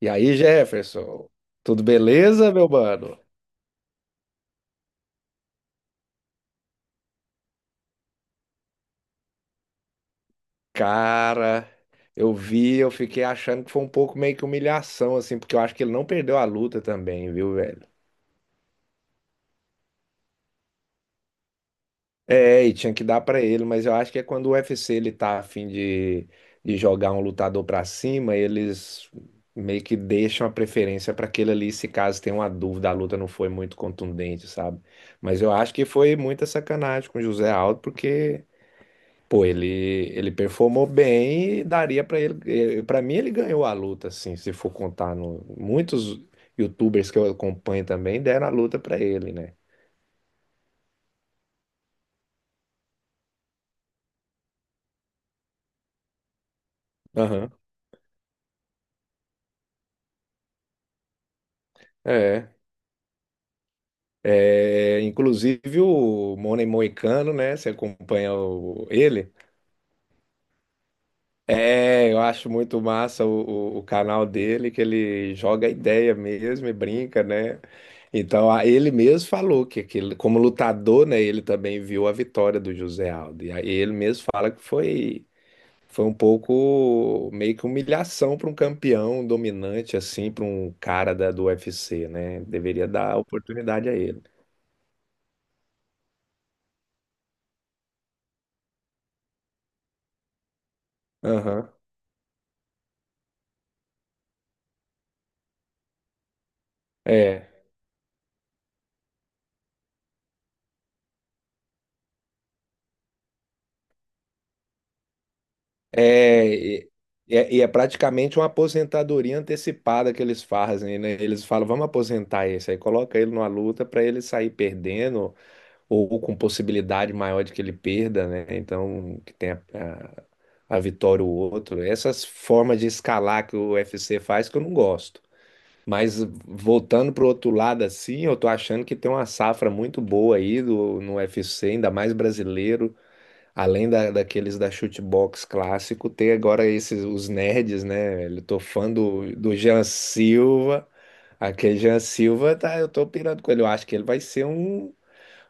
E aí, Jefferson? Tudo beleza, meu mano? Cara, eu fiquei achando que foi um pouco meio que humilhação, assim, porque eu acho que ele não perdeu a luta também, viu, velho? É, e tinha que dar pra ele, mas eu acho que é quando o UFC ele tá a fim de jogar um lutador pra cima, eles meio que deixam a preferência pra aquele ali, se caso tem uma dúvida, a luta não foi muito contundente, sabe? Mas eu acho que foi muita sacanagem com o José Aldo, porque. Pô, ele performou bem e daria pra ele. Para mim, ele ganhou a luta, assim, se for contar muitos YouTubers que eu acompanho também deram a luta pra ele, né? Aham. É. É, inclusive o Money Moicano, né? Você acompanha ele? É, eu acho muito massa o canal dele, que ele joga a ideia mesmo e brinca, né? Então, ele mesmo falou que, aquele, como lutador, né, ele também viu a vitória do José Aldo. E aí ele mesmo fala que foi, foi um pouco meio que humilhação para um campeão dominante, assim, para um cara da, do UFC, né? Deveria dar oportunidade a ele. Aham. É. É, e é, e é praticamente uma aposentadoria antecipada que eles fazem, né? Eles falam, vamos aposentar esse, aí coloca ele numa luta para ele sair perdendo ou com possibilidade maior de que ele perda, né? Então, que tenha a vitória o outro. Essas formas de escalar que o UFC faz que eu não gosto. Mas voltando para o outro lado, assim, eu tô achando que tem uma safra muito boa aí do, no UFC, ainda mais brasileiro, além da, daqueles da shootbox clássico, tem agora esses os nerds, né? Velho? Eu tô fã do Jean Silva. Aquele Jean Silva, tá, eu tô pirando com ele. Eu acho que ele vai ser um,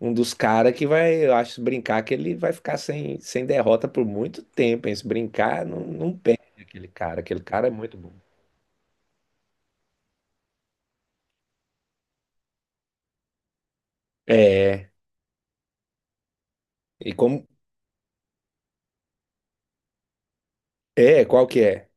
um dos caras que vai, eu acho, se brincar que ele vai ficar sem derrota por muito tempo, hein? Se brincar, não, não perde aquele cara. Aquele cara é muito bom. É. E como. É, qual que é?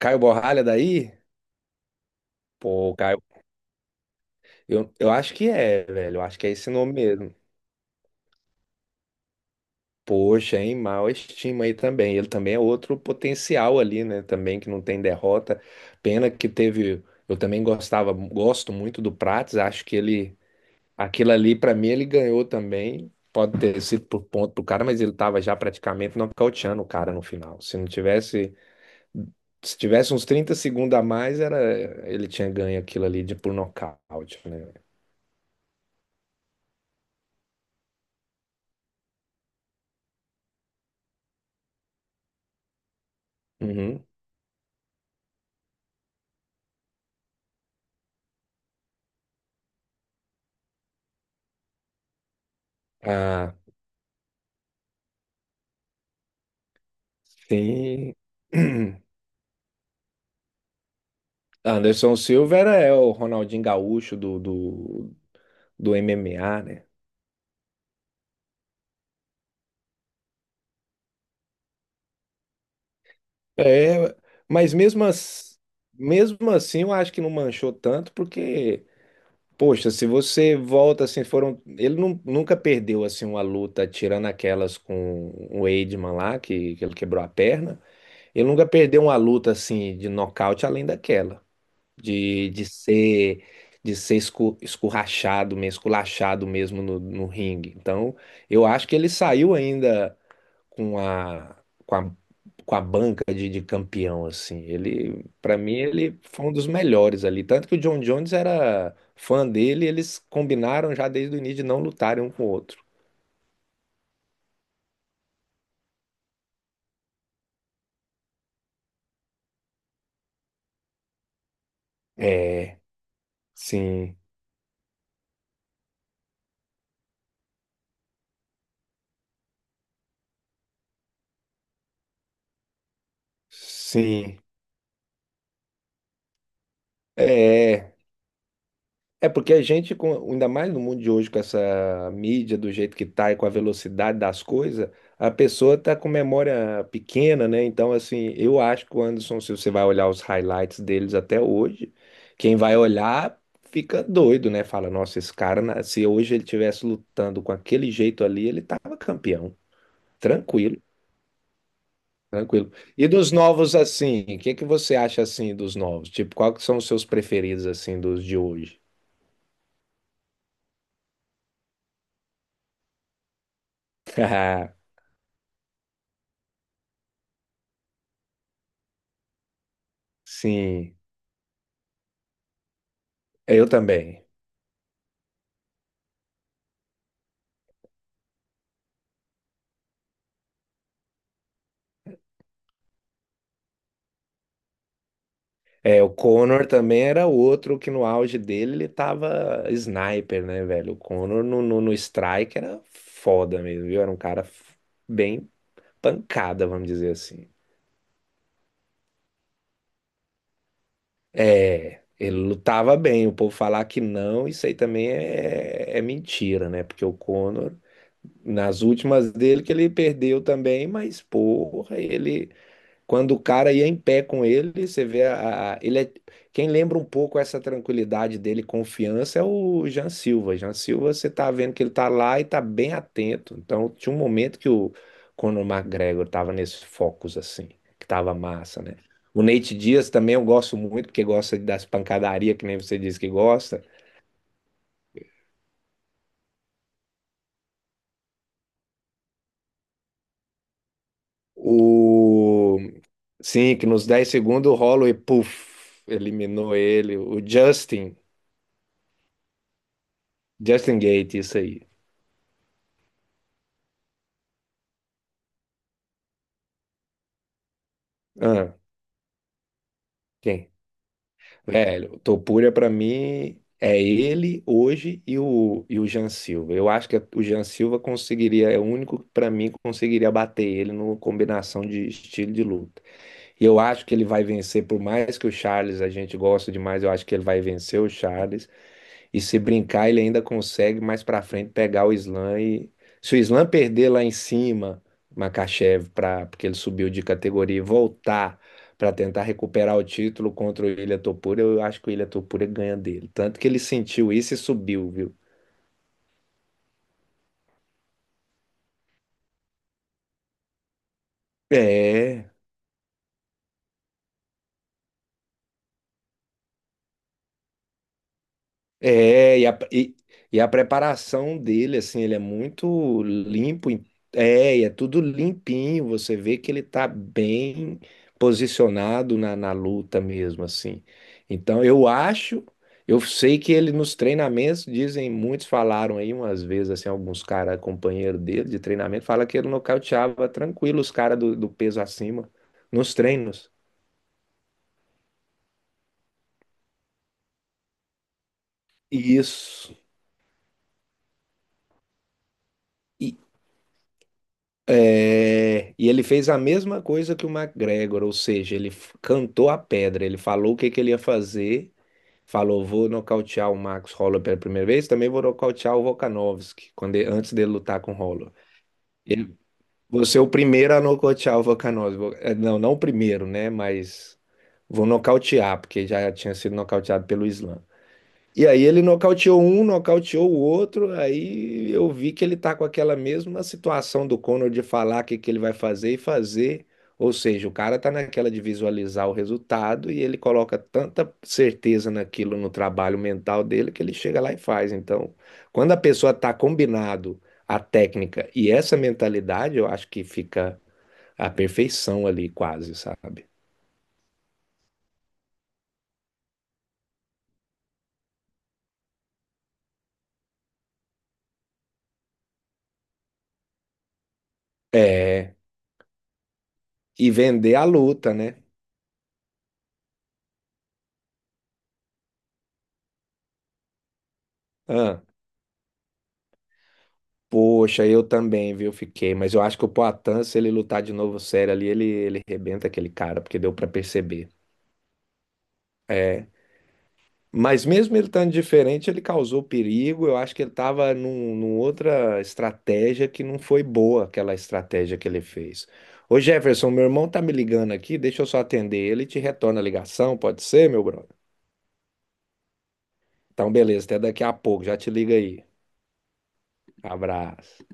Caio Borralha daí? Pô, Caio. Eu acho que é, velho. Eu acho que é esse nome mesmo. Poxa, hein? Mal estima aí também. Ele também é outro potencial ali, né? Também que não tem derrota. Pena que teve. Eu também gostava, gosto muito do Prates. Acho que ele. Aquilo ali, pra mim, ele ganhou também. Pode ter sido por ponto pro cara, mas ele tava já praticamente nocauteando o cara no final. Se tivesse uns 30 segundos a mais, era ele tinha ganho aquilo ali de por nocaute, né? Uhum. Ah, sim. Anderson Silva era o Ronaldinho Gaúcho do MMA, né? É, mas mesmo, mesmo assim eu acho que não manchou tanto, porque poxa, se você volta assim, foram. Ele nunca perdeu assim uma luta, tirando aquelas com o Weidman lá, que, ele quebrou a perna. Ele nunca perdeu uma luta assim de nocaute além daquela. De, de ser de ser escurrachado mesmo, esculachado mesmo no ringue. Então, eu acho que ele saiu ainda com a, com a, com a banca de campeão, assim. Ele, para mim, ele foi um dos melhores ali. Tanto que o John Jones era fã dele, eles combinaram já desde o início de não lutarem um com o outro. É, sim, sim. É, É, porque a gente, ainda mais no mundo de hoje, com essa mídia do jeito que tá e com a velocidade das coisas, a pessoa tá com memória pequena, né? Então, assim, eu acho que o Anderson, se você vai olhar os highlights deles até hoje, quem vai olhar fica doido, né? Fala, nossa, esse cara, se hoje ele tivesse lutando com aquele jeito ali, ele tava campeão. Tranquilo, tranquilo. E dos novos, assim, o que que você acha, assim, dos novos? Tipo, qual que são os seus preferidos, assim, dos de hoje? Sim. É, eu também. É, o Connor também era outro que no auge dele ele tava sniper, né, velho? O Connor no strike era foda mesmo, viu? Era um cara bem pancada, vamos dizer assim. É, ele lutava bem, o povo falar que não, isso aí também é mentira, né? Porque o Conor, nas últimas dele, que ele perdeu também, mas porra, ele. Quando o cara ia em pé com ele, você vê quem lembra um pouco essa tranquilidade dele, confiança, é o Jean Silva. Jean Silva, você tá vendo que ele tá lá e tá bem atento. Então, tinha um momento que o Conor McGregor tava nesse focus assim, que tava massa, né? O Nate Diaz também eu gosto muito, porque gosta das pancadarias, que nem você disse que gosta. O sim, que nos 10 segundos o Holloway, puff, eliminou ele. O Justin, Justin Gaethje, isso aí. Ah, quem? É, o Topuria pra mim é ele hoje e o Jean Silva. Eu acho que o Jean Silva conseguiria, é o único que pra mim conseguiria bater ele no combinação de estilo de luta. E eu acho que ele vai vencer, por mais que o Charles a gente gosta demais, eu acho que ele vai vencer o Charles. E se brincar, ele ainda consegue mais pra frente pegar o Islam e se o Islam perder lá em cima, Makachev, para porque ele subiu de categoria e voltar pra tentar recuperar o título contra o Ilia Topuria, eu acho que o Ilia Topuria ganha dele. Tanto que ele sentiu isso e subiu, viu? É. É, e a preparação dele, assim, ele é muito limpo. É, e é tudo limpinho. Você vê que ele tá bem posicionado na luta mesmo, assim. Então, eu acho, eu sei que ele nos treinamentos, dizem, muitos falaram aí umas vezes, assim, alguns caras, companheiro dele de treinamento, fala que ele nocauteava tranquilo os caras do peso acima nos treinos. Isso. É, e ele fez a mesma coisa que o McGregor, ou seja, ele cantou a pedra, ele falou o que que ele ia fazer, falou, vou nocautear o Max Holloway pela primeira vez, também vou nocautear o Volkanovski, quando antes dele lutar com o Holloway. Ele, você é o primeiro a nocautear o Volkanovski, não, não o primeiro, né, mas vou nocautear, porque já tinha sido nocauteado pelo Islam. E aí ele nocauteou um, nocauteou o outro, aí eu vi que ele tá com aquela mesma situação do Conor de falar o que que ele vai fazer e fazer. Ou seja, o cara tá naquela de visualizar o resultado e ele coloca tanta certeza naquilo no trabalho mental dele que ele chega lá e faz. Então, quando a pessoa tá combinado a técnica e essa mentalidade, eu acho que fica a perfeição ali quase, sabe? É, e vender a luta, né? Ahn. Poxa, eu também, viu? Fiquei, mas eu acho que o Poatan, se ele lutar de novo sério ali, ele rebenta aquele cara, porque deu pra perceber. É. Mas mesmo ele estando diferente, ele causou perigo. Eu acho que ele estava num outra estratégia que não foi boa, aquela estratégia que ele fez. Ô Jefferson, meu irmão tá me ligando aqui, deixa eu só atender ele e te retorna a ligação, pode ser, meu brother? Então, beleza, até daqui a pouco, já te liga aí. Abraço.